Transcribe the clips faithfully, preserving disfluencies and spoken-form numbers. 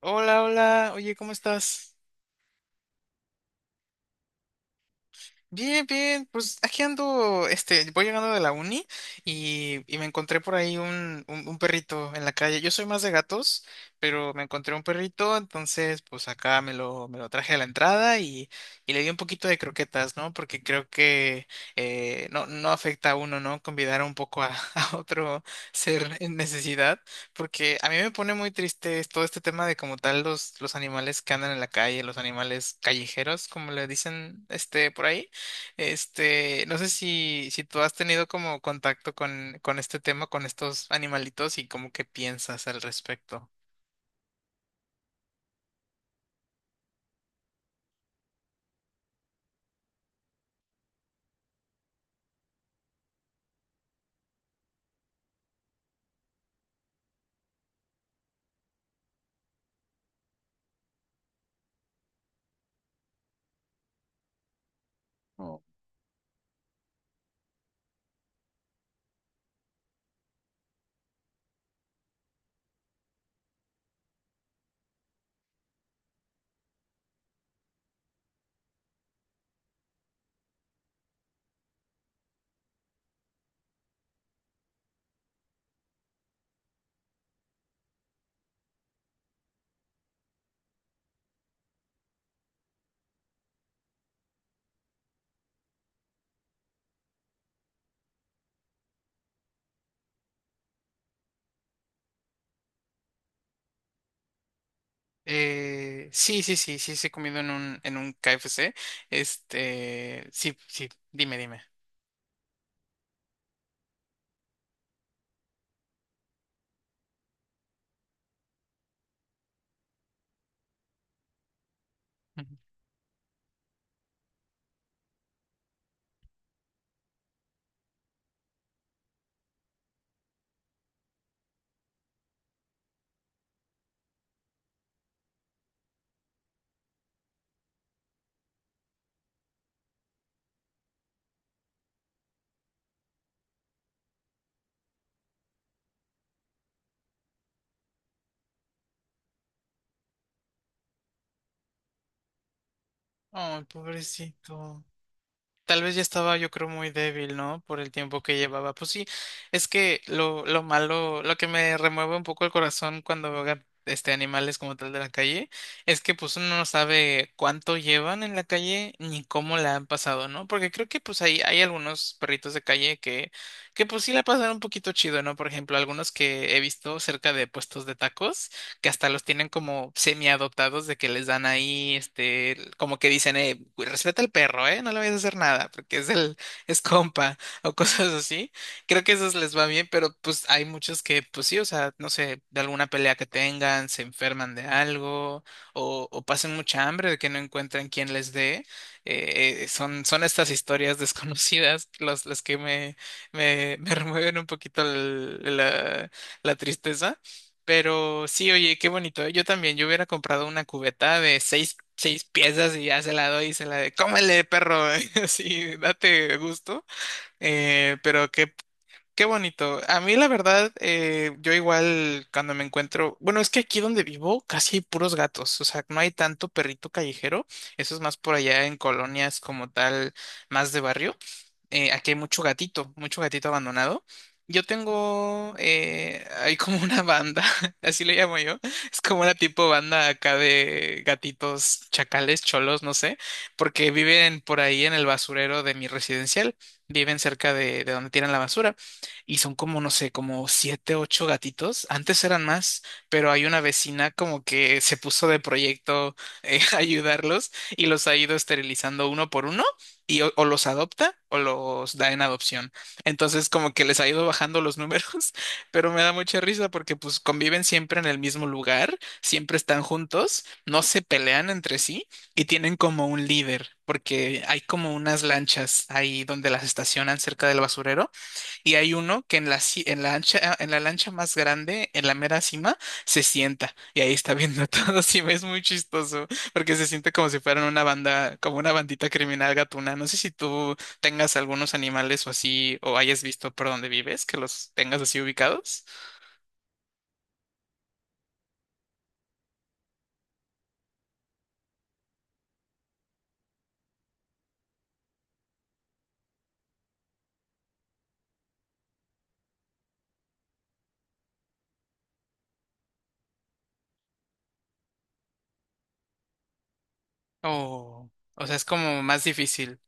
Hola, hola, oye, ¿cómo estás? Bien, bien, pues aquí ando, este, voy llegando de la uni y, y me encontré por ahí un, un, un perrito en la calle. Yo soy más de gatos, pero me encontré un perrito, entonces pues acá me lo, me lo traje a la entrada y, y le di un poquito de croquetas, ¿no? Porque creo que eh, no, no afecta a uno, ¿no? Convidar un poco a, a otro ser en necesidad, porque a mí me pone muy triste es todo este tema de como tal los, los animales que andan en la calle, los animales callejeros, como le dicen, este, por ahí. Este, no sé si, si tú has tenido como contacto con, con este tema, con estos animalitos y como qué piensas al respecto. Oh. Eh, sí, sí, sí, sí, sí he comido en un, en un K F C. Este, sí, sí, dime, dime. Ujú. Ay, pobrecito. Tal vez ya estaba, yo creo, muy débil, ¿no? Por el tiempo que llevaba. Pues sí, es que lo, lo malo, lo que me remueve un poco el corazón cuando veo ga- este animales como tal de la calle, es que pues uno no sabe cuánto llevan en la calle ni cómo la han pasado, ¿no? Porque creo que pues hay, hay algunos perritos de calle que, que pues sí la pasan un poquito chido, ¿no? Por ejemplo, algunos que he visto cerca de puestos de tacos que hasta los tienen como semi-adoptados de que les dan ahí, este, como que dicen, eh, "Güey, respeta al perro, eh, no le vayas a hacer nada, porque es el, es compa", o cosas así. Creo que esos les va bien, pero pues hay muchos que, pues sí, o sea, no sé, de alguna pelea que tengan, se enferman de algo, o, o pasen mucha hambre de que no encuentran quien les dé. Eh, eh, son, son estas historias desconocidas los, las que me, me, me remueven un poquito el- la, la tristeza. Pero sí, oye, qué bonito, ¿eh? Yo también, yo hubiera comprado una cubeta de seis, seis piezas y ya se la doy y se la de, cómele, perro, así, date gusto. Eh, pero qué, qué bonito. A mí, la verdad, eh, yo igual cuando me encuentro, bueno, es que aquí donde vivo casi hay puros gatos, o sea, no hay tanto perrito callejero. Eso es más por allá en colonias como tal, más de barrio. Eh, aquí hay mucho gatito, mucho gatito abandonado. Yo tengo, eh, hay como una banda, así le llamo yo, es como una tipo banda acá de gatitos, chacales, cholos, no sé, porque viven por ahí en el basurero de mi residencial, viven cerca de, de donde tiran la basura y son como, no sé, como siete, ocho gatitos, antes eran más, pero hay una vecina como que se puso de proyecto, eh, ayudarlos, y los ha ido esterilizando uno por uno y o, o los adopta o los da en adopción. Entonces como que les ha ido bajando los números, pero me da mucha risa porque pues conviven siempre en el mismo lugar, siempre están juntos, no se pelean entre sí y tienen como un líder, porque hay como unas lanchas ahí donde las estacionan cerca del basurero y hay uno que en la, ci- en la ancha- en la lancha más grande, en la mera cima, se sienta y ahí está viendo todo. Sí, es muy chistoso porque se siente como si fueran una banda, como una bandita criminal gatuna. No sé si tú tengas algunos animales o así, o hayas visto por donde vives, que los tengas así ubicados. O, o sea, es como más difícil.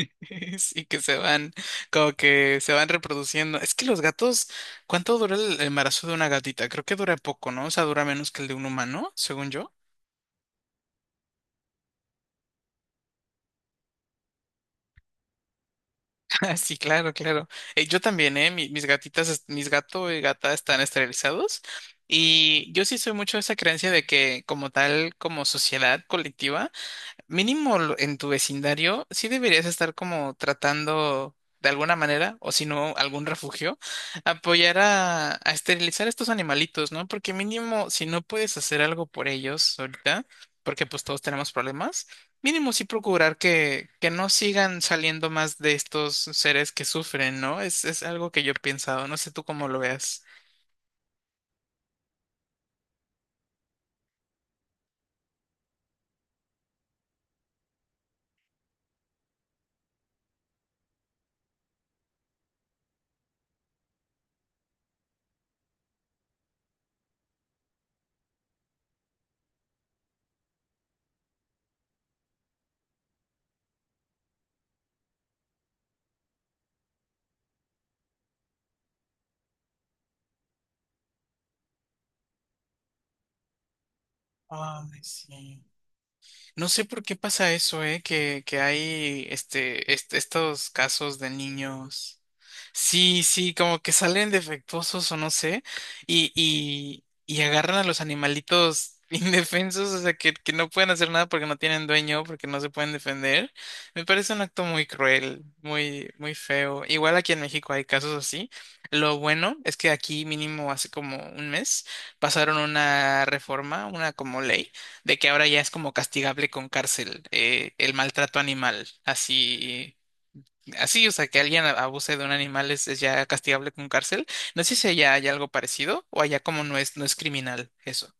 Sí, que se van, como que se van reproduciendo. Es que los gatos, ¿cuánto dura el el embarazo de una gatita? Creo que dura poco, ¿no? O sea, dura menos que el de un humano, según yo. Ah, sí, claro, claro. Eh, yo también, ¿eh? Mi- mis gatitas, es- mis gato y gata están esterilizados. Y yo sí soy mucho de esa creencia de que como tal, como sociedad colectiva, mínimo lo- en tu vecindario, sí deberías estar como tratando de alguna manera, o si no, algún refugio, apoyar a, a esterilizar estos animalitos, ¿no? Porque mínimo, si no puedes hacer algo por ellos ahorita, porque pues todos tenemos problemas, mínimo sí procurar que, que no sigan saliendo más de estos seres que sufren, ¿no? Es, es algo que yo he pensado, no sé tú cómo lo veas. Ay, sí. No sé por qué pasa eso, ¿eh? Que, que hay este, este, estos casos de niños. Sí, sí, como que salen defectuosos o no sé, y, y, y agarran a los animalitos indefensos, o sea, que, que no pueden hacer nada porque no tienen dueño, porque no se pueden defender. Me parece un acto muy cruel, muy, muy feo. Igual aquí en México hay casos así. Lo bueno es que aquí mínimo hace como un mes pasaron una reforma, una como ley de que ahora ya es como castigable con cárcel, eh, el maltrato animal, así, así, o sea, que alguien a- abuse de un animal es, es ya castigable con cárcel. No sé si allá hay algo parecido o allá como no es, no es criminal eso.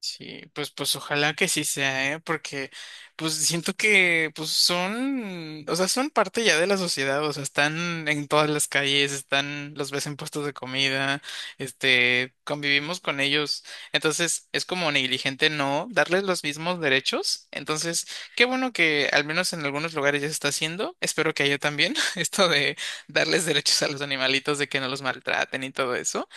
Sí, pues, pues ojalá que sí sea, ¿eh? Porque pues siento que pues son, o sea, son parte ya de la sociedad, o sea, están en todas las calles, están, los ves en puestos de comida, este, convivimos con ellos. Entonces, es como negligente no darles los mismos derechos. Entonces, qué bueno que al menos en algunos lugares ya se está haciendo. Espero que haya también esto de darles derechos a los animalitos, de que no los maltraten y todo eso.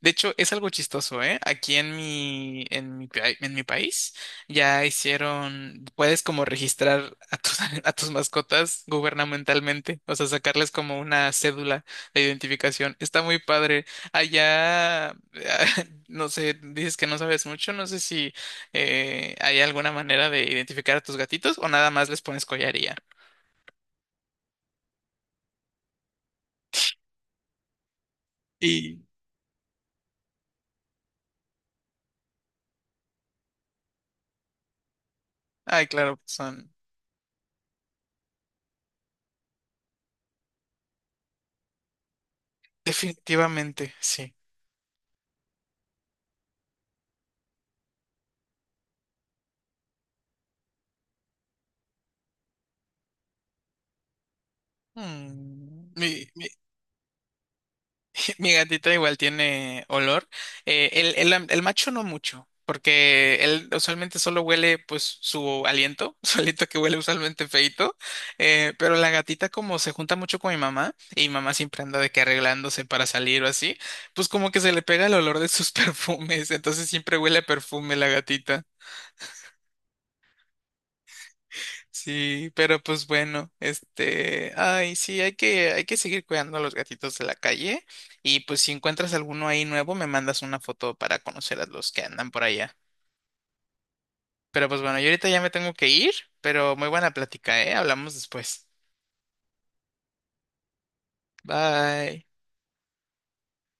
De hecho, es algo chistoso, ¿eh? Aquí en mi, en mi, pa- en mi país ya hicieron, puedes como registrar a tus, a tus mascotas gubernamentalmente, o sea, sacarles como una cédula de identificación. Está muy padre. Allá, no sé, dices que no sabes mucho, no sé si, eh, hay alguna manera de identificar a tus gatitos o nada más les pones collaría. Y, ay, claro, son definitivamente, sí. Mm, mi- Mi gatita igual tiene olor. Eh, el, el am- el macho no mucho, porque él usualmente solo huele pues su aliento, su aliento que huele usualmente feito. Eh, pero la gatita como se junta mucho con mi mamá y mi mamá siempre anda de que arreglándose para salir o así, pues como que se le pega el olor de sus perfumes, entonces siempre huele a perfume la gatita. Sí, pero pues bueno, este, ay, sí, hay que, hay que seguir cuidando a los gatitos de la calle y pues si encuentras alguno ahí nuevo, me mandas una foto para conocer a los que andan por allá. Pero pues bueno, yo ahorita ya me tengo que ir, pero muy buena plática, ¿eh? Hablamos después. Bye.